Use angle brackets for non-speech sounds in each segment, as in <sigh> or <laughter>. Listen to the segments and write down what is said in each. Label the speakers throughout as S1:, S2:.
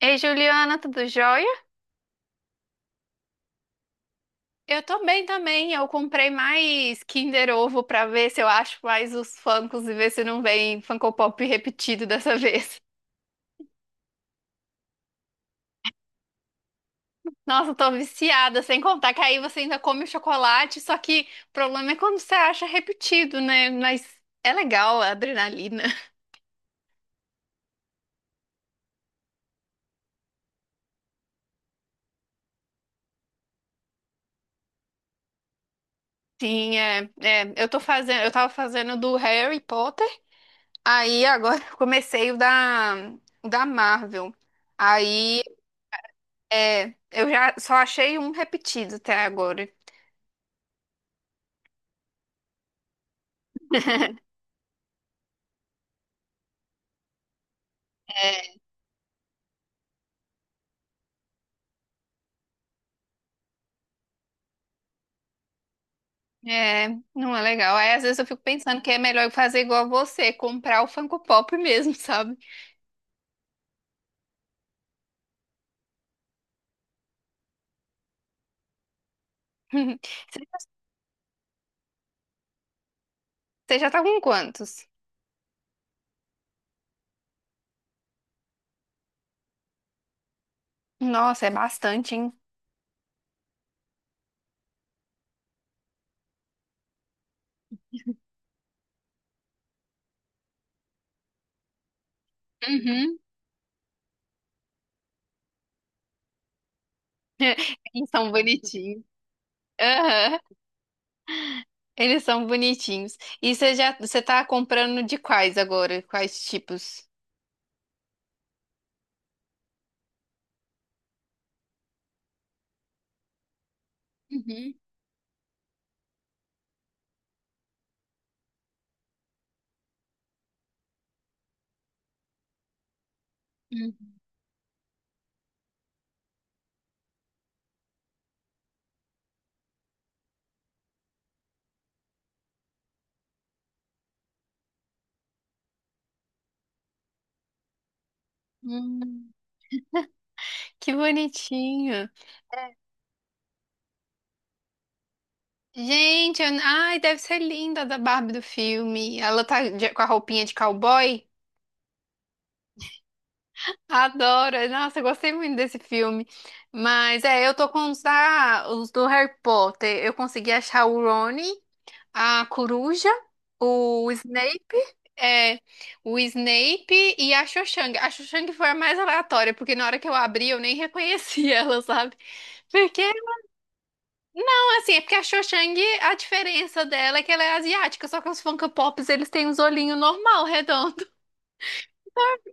S1: Ei, Juliana, tudo jóia? Eu tô bem também. Eu comprei mais Kinder Ovo pra ver se eu acho mais os Funkos e ver se não vem Funko Pop repetido dessa <laughs> vez. Nossa, eu tô viciada, sem contar que aí você ainda come o chocolate, só que o problema é quando você acha repetido, né? Mas é legal a adrenalina. <laughs> Sim, eu tô fazendo, eu tava fazendo do Harry Potter, aí agora <laughs> eu comecei o da Marvel. Aí é, eu já só achei um repetido até agora. <laughs> É, é, não é legal. Aí às vezes eu fico pensando que é melhor eu fazer igual a você, comprar o Funko Pop mesmo, sabe? <laughs> Você já você já tá com quantos? Nossa, é bastante, hein? Uhum. <laughs> Eles são bonitinhos. Aham, eles são bonitinhos. E você tá comprando de quais agora? Quais tipos? Uhum. Uhum. Hum, que bonitinho. Gente, deve ser linda a da Barbie do filme. Ela tá com a roupinha de cowboy. Adoro. Nossa, eu gostei muito desse filme. Mas é, eu tô com os do Harry Potter. Eu consegui achar o Rony, a coruja, o Snape, é, o Snape e a Cho-Chang. A Cho-Chang foi a mais aleatória, porque na hora que eu abri eu nem reconheci <laughs> ela, sabe? Porque assim, é porque a Cho Chang, a diferença dela é que ela é asiática, só que os Funko Pops, eles têm uns olhinhos normal, redondo.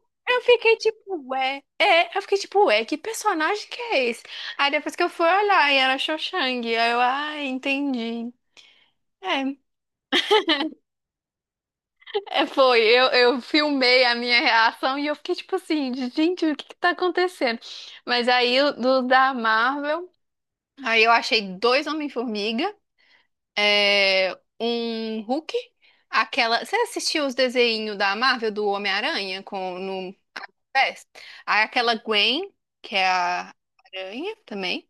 S1: <laughs> Eu fiquei tipo, ué, que personagem que é esse? Aí depois que eu fui olhar, e era a Cho Chang, aí ah, entendi. É, foi, eu filmei a minha reação e eu fiquei tipo assim, gente, o que que tá acontecendo? Mas aí, do da Marvel, aí eu achei dois Homem-Formiga, é, um Hulk, aquela. Você assistiu os desenhos da Marvel do Homem-Aranha com no pés? Aí aquela Gwen, que é a Aranha também.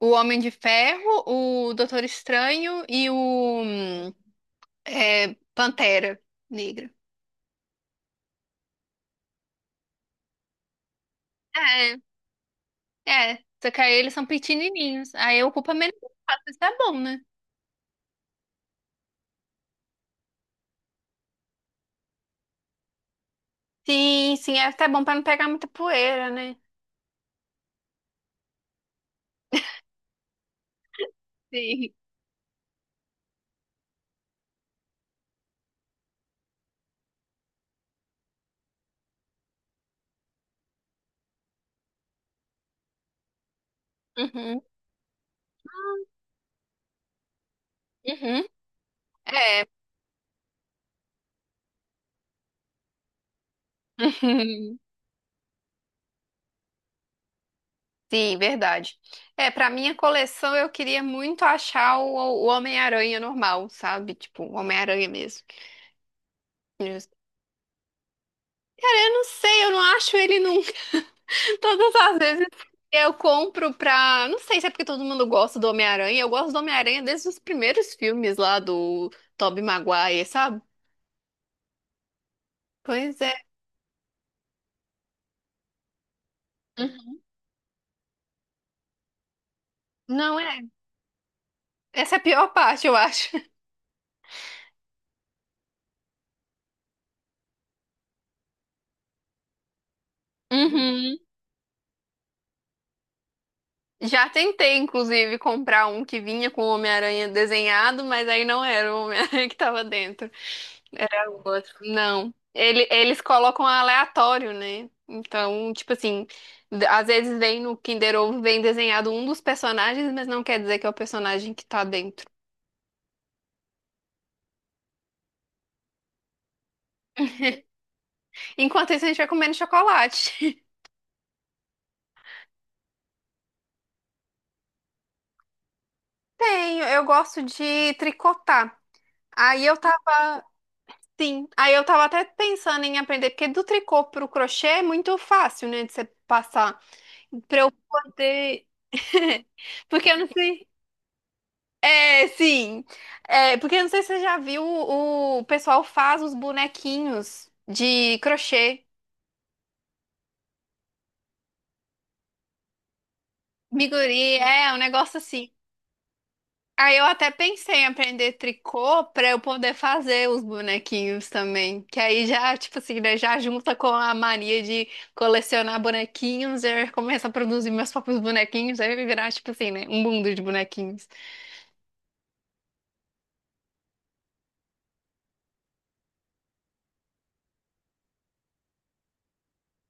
S1: O Homem de Ferro, o Doutor Estranho e o hum, é, Pantera Negra. É, Só que aí eles são pequenininhos. Aí ocupa menos espaço, isso é bom, né? Sim, sim, é até bom pra não pegar muita poeira, né? Sim. Uhum, uhum. É. <laughs> Sim, verdade. É, pra minha coleção eu queria muito achar o Homem-Aranha normal, sabe? Tipo, o Homem-Aranha mesmo. Cara, eu não sei, eu não acho ele nunca. <laughs> Todas as vezes eu compro pra. Não sei se é porque todo mundo gosta do Homem-Aranha. Eu gosto do Homem-Aranha desde os primeiros filmes lá do Tobey Maguire, sabe? Pois é. Uhum. Não é. Essa é a pior parte, eu acho. <laughs> Já tentei, inclusive, comprar um que vinha com o Homem-Aranha desenhado, mas aí não era o Homem-Aranha <laughs> que tava dentro. Era o outro. Não. Eles colocam aleatório, né? Então, tipo assim, às vezes vem no Kinder Ovo, vem desenhado um dos personagens, mas não quer dizer que é o personagem que tá dentro. Enquanto isso, a gente vai comendo chocolate. <laughs> Tenho, eu gosto de tricotar. Aí eu tava. Sim, aí eu tava até pensando em aprender, porque do tricô pro crochê é muito fácil, né, de você passar. Pra eu poder. <laughs> Porque eu não sei. É, sim. É, porque eu não sei se você já viu, o pessoal faz os bonequinhos de crochê. Miguri, é, um negócio assim. Aí eu até pensei em aprender tricô pra eu poder fazer os bonequinhos também. Que aí já, tipo assim, né, já junta com a mania de colecionar bonequinhos, eu começo a produzir meus próprios bonequinhos, aí vai virar, tipo assim, né, um mundo de bonequinhos.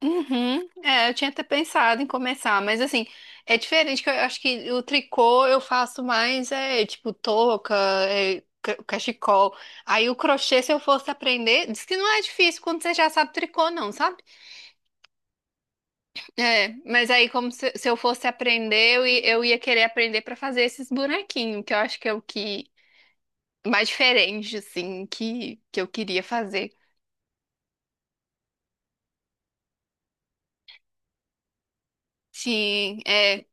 S1: Uhum. É, eu tinha até pensado em começar, mas assim, é diferente que eu acho que o tricô eu faço mais é tipo touca, é, cachecol. Aí o crochê, se eu fosse aprender, diz que não é difícil quando você já sabe tricô, não, sabe? É, mas aí como se eu fosse aprender, eu ia querer aprender pra fazer esses bonequinhos, que eu acho que é o que mais diferente assim que eu queria fazer. Sim, é.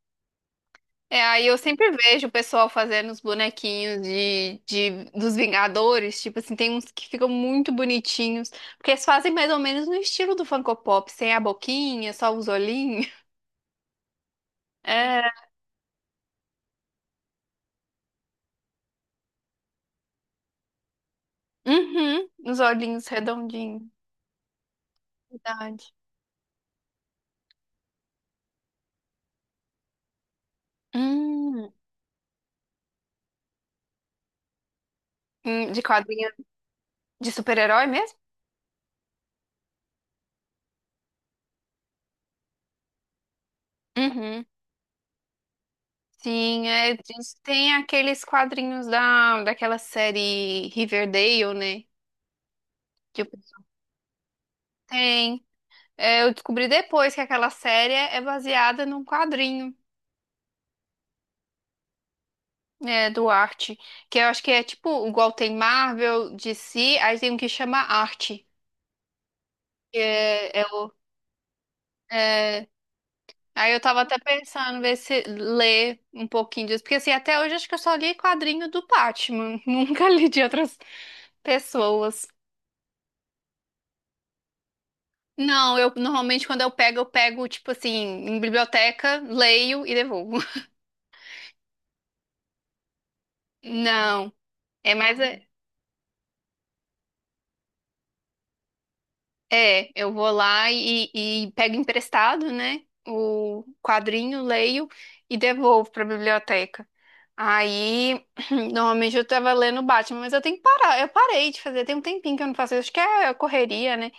S1: É, aí eu sempre vejo o pessoal fazendo os bonequinhos dos Vingadores, tipo assim, tem uns que ficam muito bonitinhos, porque eles fazem mais ou menos no estilo do Funko Pop, sem a boquinha, só os olhinhos. <laughs> É, uhum, os olhinhos redondinhos, verdade. Hum, de quadrinho de super-herói mesmo? Uhum. Sim, é, tem aqueles quadrinhos daquela série Riverdale, né? Que o pessoal tem. É, eu descobri depois que aquela série é baseada num quadrinho, é, do Arte, que eu acho que é tipo, igual tem Marvel, DC, aí tem um que chama Arte. Que É, é o- é, aí eu tava até pensando ver se ler um pouquinho disso, porque assim, até hoje acho que eu só li quadrinho do Batman, <laughs> nunca li de outras pessoas. Não, eu normalmente quando eu pego tipo assim, em biblioteca, leio e devolvo. <laughs> Não, é mais. É, é, eu vou lá e pego emprestado, né? O quadrinho, leio e devolvo para a biblioteca. Aí, <clears throat> normalmente eu tava lendo Batman, mas eu tenho que parar. Eu parei de fazer, tem um tempinho que eu não faço isso. Acho que é correria, né?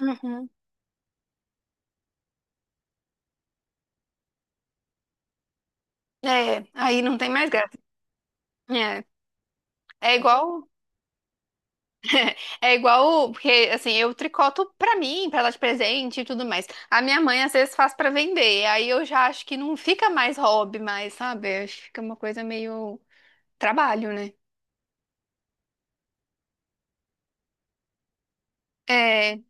S1: Uhum. É, aí não tem mais graça. É, é igual, é igual, porque assim, eu tricoto pra mim, pra dar de presente e tudo mais. A minha mãe às vezes faz pra vender, aí eu já acho que não fica mais hobby mais, sabe? Acho que fica uma coisa meio trabalho, né? É,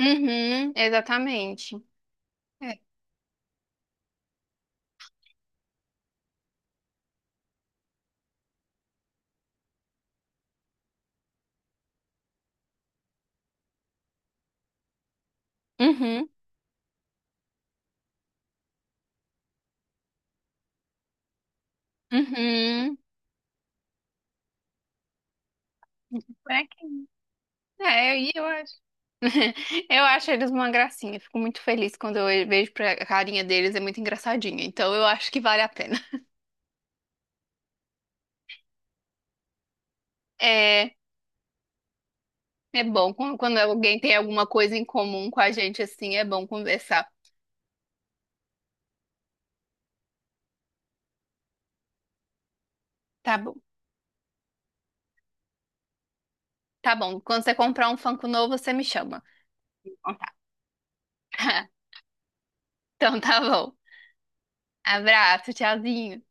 S1: uhum, exatamente. É. Uhum, uhum. Bonequinho. É, e eu acho. <laughs> Eu acho eles uma gracinha. Fico muito feliz quando eu vejo pra a carinha deles, é muito engraçadinha. Então eu acho que vale a pena. <laughs> É, é bom quando alguém tem alguma coisa em comum com a gente assim, é bom conversar. Tá bom. Tá bom. Quando você comprar um Funko novo, você me chama. Então tá. <laughs> Então tá bom. Abraço, tchauzinho.